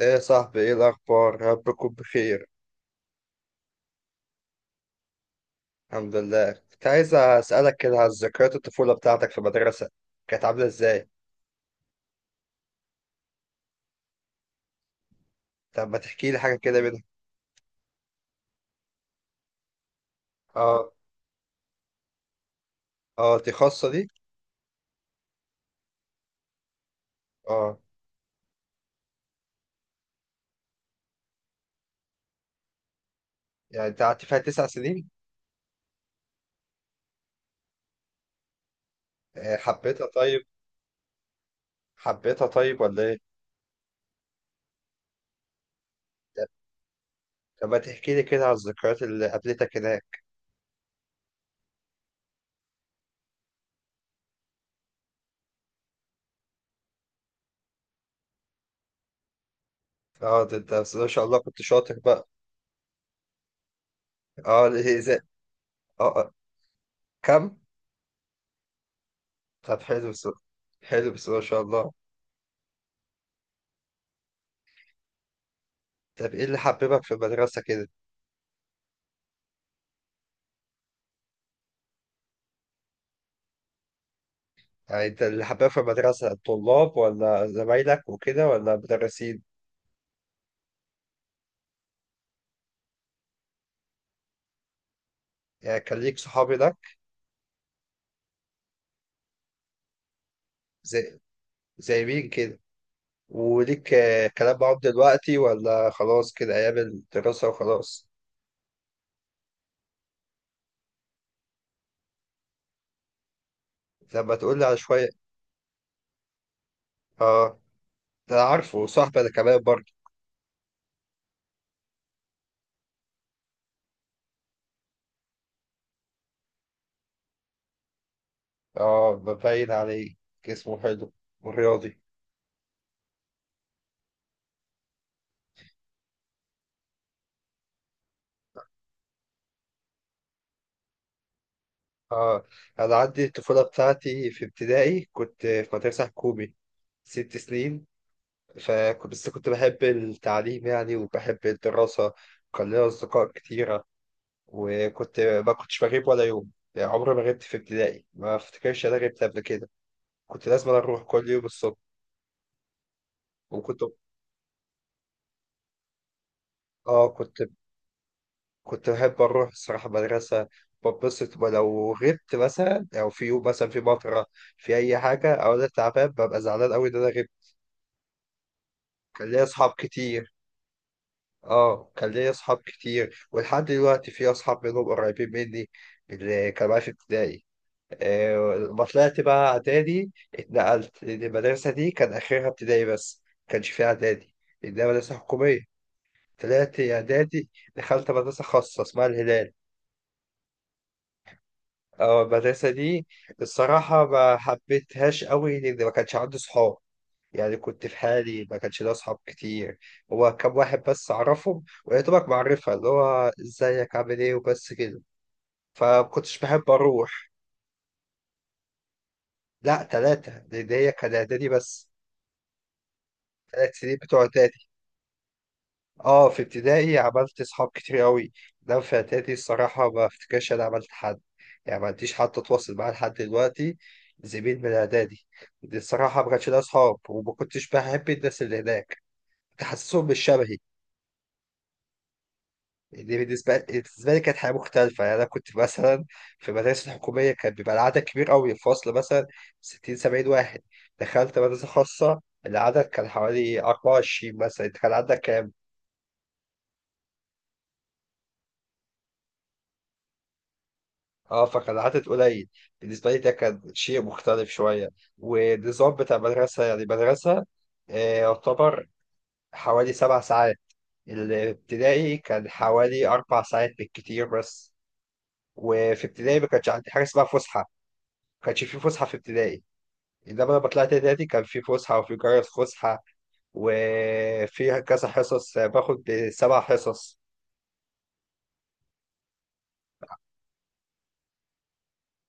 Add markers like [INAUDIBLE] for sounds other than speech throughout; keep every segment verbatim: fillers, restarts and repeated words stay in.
ايه يا صاحبي، ايه الاخبار؟ رب تكون بخير. الحمد لله. كنت عايز اسالك كده على ذكريات الطفوله بتاعتك في المدرسه، كانت عامله ازاي؟ طب ما تحكي لي حاجه كده منها. اه. اه، دي خاصه دي؟ اه. يعني انت قعدت فيها تسع سنين؟ آه، حبيتها؟ طيب، حبيتها طيب ولا ايه؟ طب ما تحكي لي كده على الذكريات اللي قابلتك هناك. اه، ده انت بس ما شاء الله كنت شاطر بقى. اه، ليه؟ ازاي؟ اه. آه. كم؟ طب حلو، بس حلو بس ما شاء الله. طب ايه اللي حببك في المدرسه كده؟ يعني انت اللي حباه في المدرسة الطلاب ولا زمايلك وكده ولا مدرسين؟ يعني كان ليك صحاب هناك؟ زي زي مين كده؟ وليك آه، كلام معاهم دلوقتي ولا خلاص كده أيام الدراسة وخلاص؟ لما تقول لي على شوية. اه، ده أنا عارفه، صاحبي أنا كمان برضه. اه، ببين عليه، جسمه حلو ورياضي. اه. أنا عندي الطفولة بتاعتي في ابتدائي كنت في مدرسة حكومي، ست سنين. فكنت بس كنت بحب التعليم يعني، وبحب الدراسة، وكان لي أصدقاء كتيرة، وكنت ما كنتش بغيب ولا يوم، يعني عمري ما غبت في ابتدائي. ما أفتكرش أنا غبت قبل كده. كنت لازم أروح كل يوم الصبح. وكنت آه كنت كنت بحب أروح الصراحة مدرسة. ببسط، ولو غبت مثلا، أو في يوم مثلا في مطرة، في أي حاجة، أو أنا تعبان، ببقى زعلان أوي إن أنا غبت. كان ليا أصحاب كتير. اه، كان ليا اصحاب كتير، ولحد دلوقتي في اصحاب منهم قريبين مني، اللي كانوا معايا في ابتدائي. آه، لما طلعت بقى اعدادي، اتنقلت، لأن المدرسه دي كان اخرها ابتدائي بس، ما كانش فيها اعدادي، لانها مدرسه حكوميه. طلعت اعدادي، دخلت مدرسه خاصه اسمها الهلال. اه، المدرسه دي الصراحه ما حبيتهاش قوي، لان ما كانش عندي صحاب. يعني كنت في حالي، ما كانش ليا أصحاب كتير. هو كام واحد بس أعرفهم، ويا دوبك معرفة اللي هو إزيك عامل إيه وبس كده. فمكنتش بحب أروح. لا، تلاتة، لأن هي كان إعدادي بس، تلات سنين بتوع إعدادي. أه، في ابتدائي عملت أصحاب كتير أوي، ده في إعدادي الصراحة ما أفتكرش أنا عملت حد. يعني ما عنديش حد أتواصل معاه لحد دلوقتي زميل من إعدادي. دي الصراحة ما كانش ليا أصحاب، وما كنتش بحب الناس اللي هناك، كنت حاسسهم مش شبهي. دي بالنسبة بالنسبة لي كانت حياة مختلفة. يعني أنا كنت مثلا في المدارس الحكومية كان بيبقى العدد كبير أوي، الفصل مثلا ستين سبعين واحد. دخلت مدرسة خاصة العدد كان حوالي أربعة وعشرين، مثلا أنت كان عندك كام؟ أه، فكان العدد قليل، بالنسبة لي ده كان شيء مختلف شوية. والنظام بتاع المدرسة، يعني المدرسة آه، يعتبر حوالي سبع ساعات. الابتدائي كان حوالي أربع ساعات بالكتير بس. وفي ابتدائي ما كانش عندي حاجة اسمها فسحة، ما كانش في فسحة في ابتدائي. انما لما طلعت نادي كان في فسحه، وفي جرس فسحه، وفي كذا حصص، باخد سبع حصص.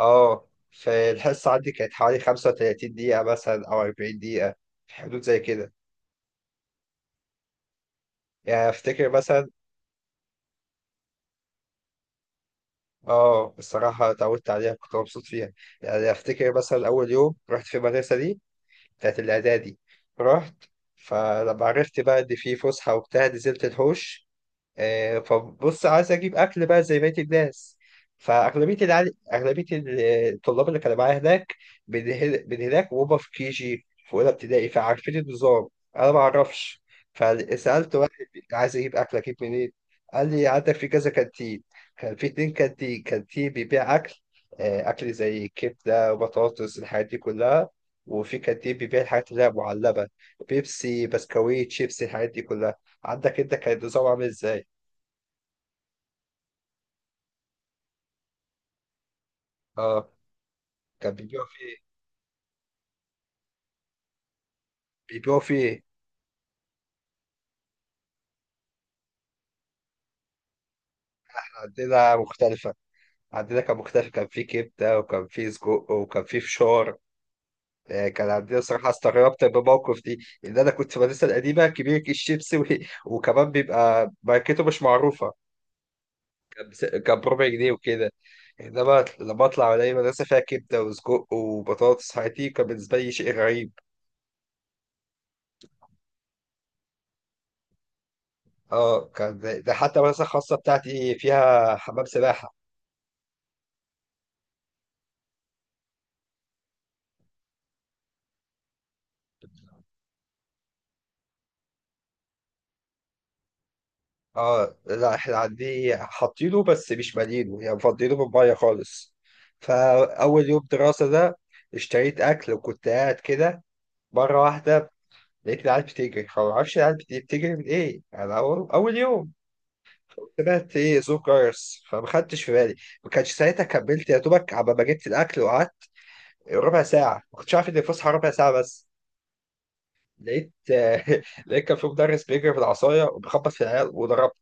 اه، فالحصه عندي كانت حوالي خمسة وثلاثين دقيقه مثلا، او أربعين دقيقه، في حدود زي كده. يعني افتكر مثلا، اه الصراحه اتعودت عليها، كنت مبسوط فيها. يعني افتكر مثلا اول يوم رحت في المدرسه دي بتاعت الاعدادي، رحت، فلما عرفت بقى ان في فسحه وبتاع، نزلت الحوش. آه، فبص، عايز اجيب اكل بقى زي بقيه الناس. فاغلبيه العل... اغلبيه الطلاب اللي كانوا معايا هناك من هنا- من هناك، وهم في كي جي في اولى ابتدائي، فعارفين النظام، انا ما اعرفش. فسالت واحد، عايز اجيب اكل، اجيب منين؟ قال لي عندك في كذا كانتين. كان في اتنين كانتين كانتين بيبيع اكل، آه، اكل زي كبده وبطاطس، الحاجات دي كلها. وفي كانتين بيبيع الحاجات اللي هي معلبه، بيبسي بسكويت شيبسي، الحاجات دي كلها. عندك انت كان النظام عامل ازاي؟ اه. كان بيبيعوا فيه، بيبيعوا فيه. عندنا مختلفة، عندنا كان مختلف، كان فيه كبدة وكان فيه سجق وكان فيه فشار. آه، كان عندنا صراحة استغربت بالموقف دي، إن أنا كنت في المدرسة القديمة كبير كيس شيبسي و... [LAUGHS] وكمان بيبقى ماركته مش معروفة، كان بس... كان بربع جنيه وكده. إنما لما أطلع ألاقي مدرسة فيها كبدة وسجق وبطاطس، حياتي كان بالنسبة لي شيء غريب. اه، كان ده حتى المدرسة الخاصة بتاعتي فيها حمام سباحة. اه، لا احنا عندي حاطينه بس مش مالينه، يعني مفضينه بالميه خالص. فاول يوم دراسه ده اشتريت اكل وكنت قاعد كده، مره واحده لقيت العيال بتجري، فما اعرفش العيال بت- بتجري من ايه. انا اول اول يوم، سمعت ايه صوت جرس فما خدتش في بالي، ما كانش ساعتها كملت يا دوبك عبال ما جبت الاكل وقعدت ربع ساعه، ما كنتش عارف ان الفسحه ربع ساعه بس. لقيت [LAUGHS] لقيت كان في مدرس بيجري بالعصايه وبيخبط في العيال وضربه.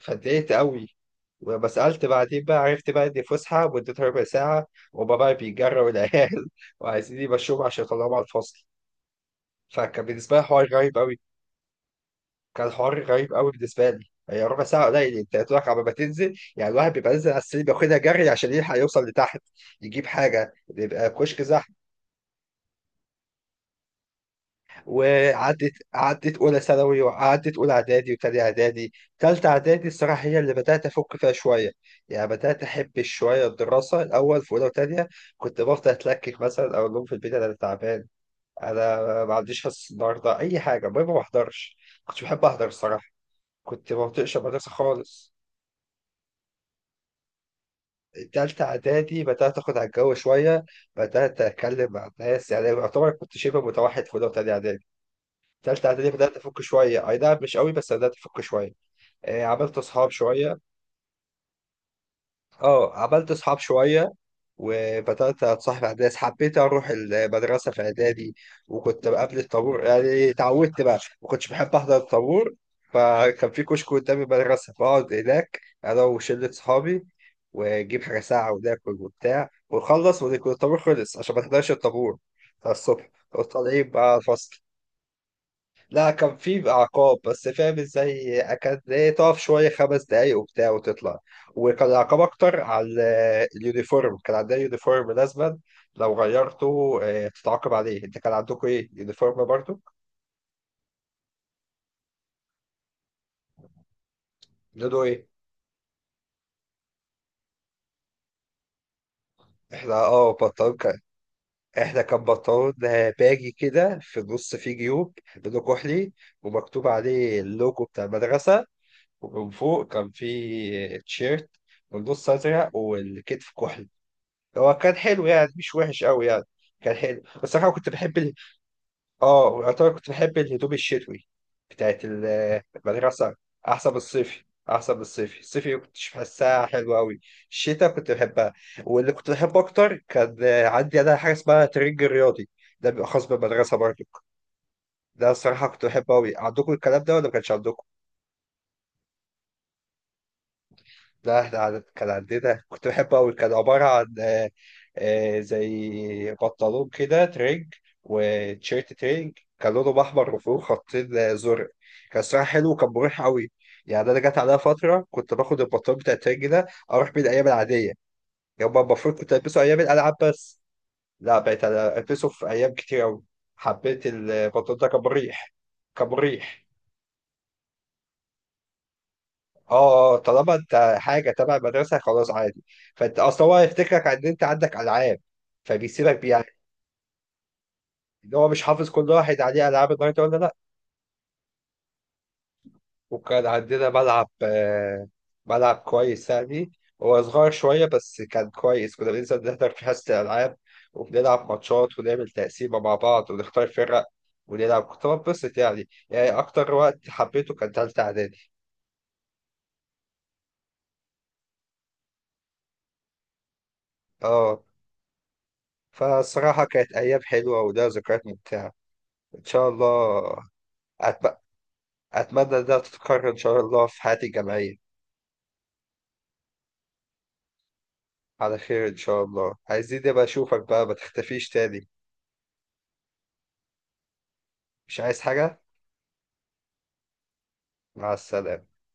فاتضايقت قوي. وبس سألت بعدين بقى، عرفت بقى إن فسحة مدتها ربع ساعة، وهما بقى بيجروا العيال [LAUGHS] وعايزين يمشوهم عشان يطلعوهم على الفصل. فكان بالنسبة لي حوار غريب قوي، كان حوار غريب قوي بالنسبة لي. هي ربع ساعة قليل، أنت يا دوبك على ما تنزل، يعني الواحد بيبقى نازل على السرير بياخدها جري عشان يلحق يوصل لتحت، يجيب حاجة، بيبقى كشك زحمة. وعدت عدت اولى ثانوي، وعدت اولى اعدادي وتاني اعدادي. تالتة اعدادي الصراحه هي اللي بدات افك فيها شويه، يعني بدات احب شويه الدراسه. الاول في اولى وتانية كنت بفضل اتلكك، مثلا اقول لهم في البيت انا تعبان، انا ما عنديش حصه النهارده، اي حاجه المهم ما بحضرش. كنتش بحب احضر الصراحه، كنت ما بطيقش المدرسه خالص. تالتة إعدادي بدأت آخد على الجو شوية، بدأت أتكلم مع الناس. يعني يعتبر كنت شبه متوحد في أولى وتانية إعدادي. تالتة اعدادي بدأت أفك شوية، أي نعم مش قوي، بس بدأت أفك شوية. آه، عملت أصحاب شوية. أه، عملت أصحاب شوية، وبدأت أتصاحب على الناس، حبيت أروح المدرسة في إعدادي. وكنت قبل الطابور يعني اتعودت بقى، ما كنتش بحب أحضر الطابور. فكان في كشك قدام المدرسة، بقعد هناك أنا وشلة صحابي، ونجيب حاجة ساعة وناكل وبتاع ونخلص، ويكون الطابور خلص، عشان ما تحضرش الطابور بتاع الصبح، وطالعين بقى على الفصل. لا، كان في بقى عقاب بس، فاهم ازاي، كانت ايه، تقف شويه خمس دقايق وبتاع وتطلع. وكان العقاب اكتر على ال- اليونيفورم. كان عندنا يونيفورم لازما، لو غيرته اه، تتعاقب عليه. انت كان عندكم ايه يونيفورم برضو؟ لونه ايه؟ احنا اه بنطلون كان، احنا كان بنطلون اه، باجي كده في النص فيه جيوب، لونه كحلي، ومكتوب عليه اللوجو بتاع المدرسه. ومن فوق كان فيه تيشيرت، والنص ازرق والكتف كحلي. هو كان حلو يعني، مش وحش قوي يعني، كان حلو. بس انا كنت بحب ال... اه، يعتبر كنت بحب الهدوم الشتوي بتاعت ال- المدرسه. احسن من الصيفي، احسن من الصيفي، الصيفي ما كنتش بحسها حلوه قوي، الشتاء كنت بحبها. واللي كنت بحبه اكتر كان، عندي انا حاجه اسمها ترنج رياضي، ده بيبقى خاص بالمدرسه برضو. ده الصراحه كنت بحبه قوي. عندكم الكلام ده ولا ما كانش عندكم؟ لا، احنا عن- كان عندنا، كنت بحبه قوي، كان عبارة عن آه، آه، زي بنطلون كده ترينج، وتيشيرت ترينج. كان لونهم احمر، وفوق خطين آه، زرق. كان صراحة حلو، وكان مريح قوي. يعني انا جت عليا فترة كنت باخد البنطلون بتاع الترينج ده اروح بيه الايام العادية. يوم ما المفروض كنت البسه ايام الالعاب بس، لا بقيت أنا البسه في ايام كتير قوي. حبيت البنطلون ده، كان مريح. كان مريح. اه اه، طالما انت حاجه تبع المدرسه خلاص عادي. فانت اصل هو هيفتكرك ان انت عندك العاب، فبيسيبك بيها، ان هو مش حافظ كل واحد عليه العاب النهارده ولا لا. وكان عندنا ملعب آه، ملعب كويس يعني، هو صغير شويه بس كان كويس، كنا بننزل نحضر في حصه الالعاب، وبنلعب ماتشات ونعمل تقسيمه مع بعض ونختار فرق ونلعب. كنت بنبسط يعني، يعني اكتر وقت حبيته كان تالتة اعدادي. اه، فالصراحه كانت ايام حلوه ولها ذكريات ممتعه، ان شاء الله. أتم- أتمنى ده تتكرر إن شاء الله في حياتي الجامعية. على خير إن شاء الله، عايزين نبقى أشوفك بقى، ما تختفيش تاني. مش عايز حاجة. مع السلامة.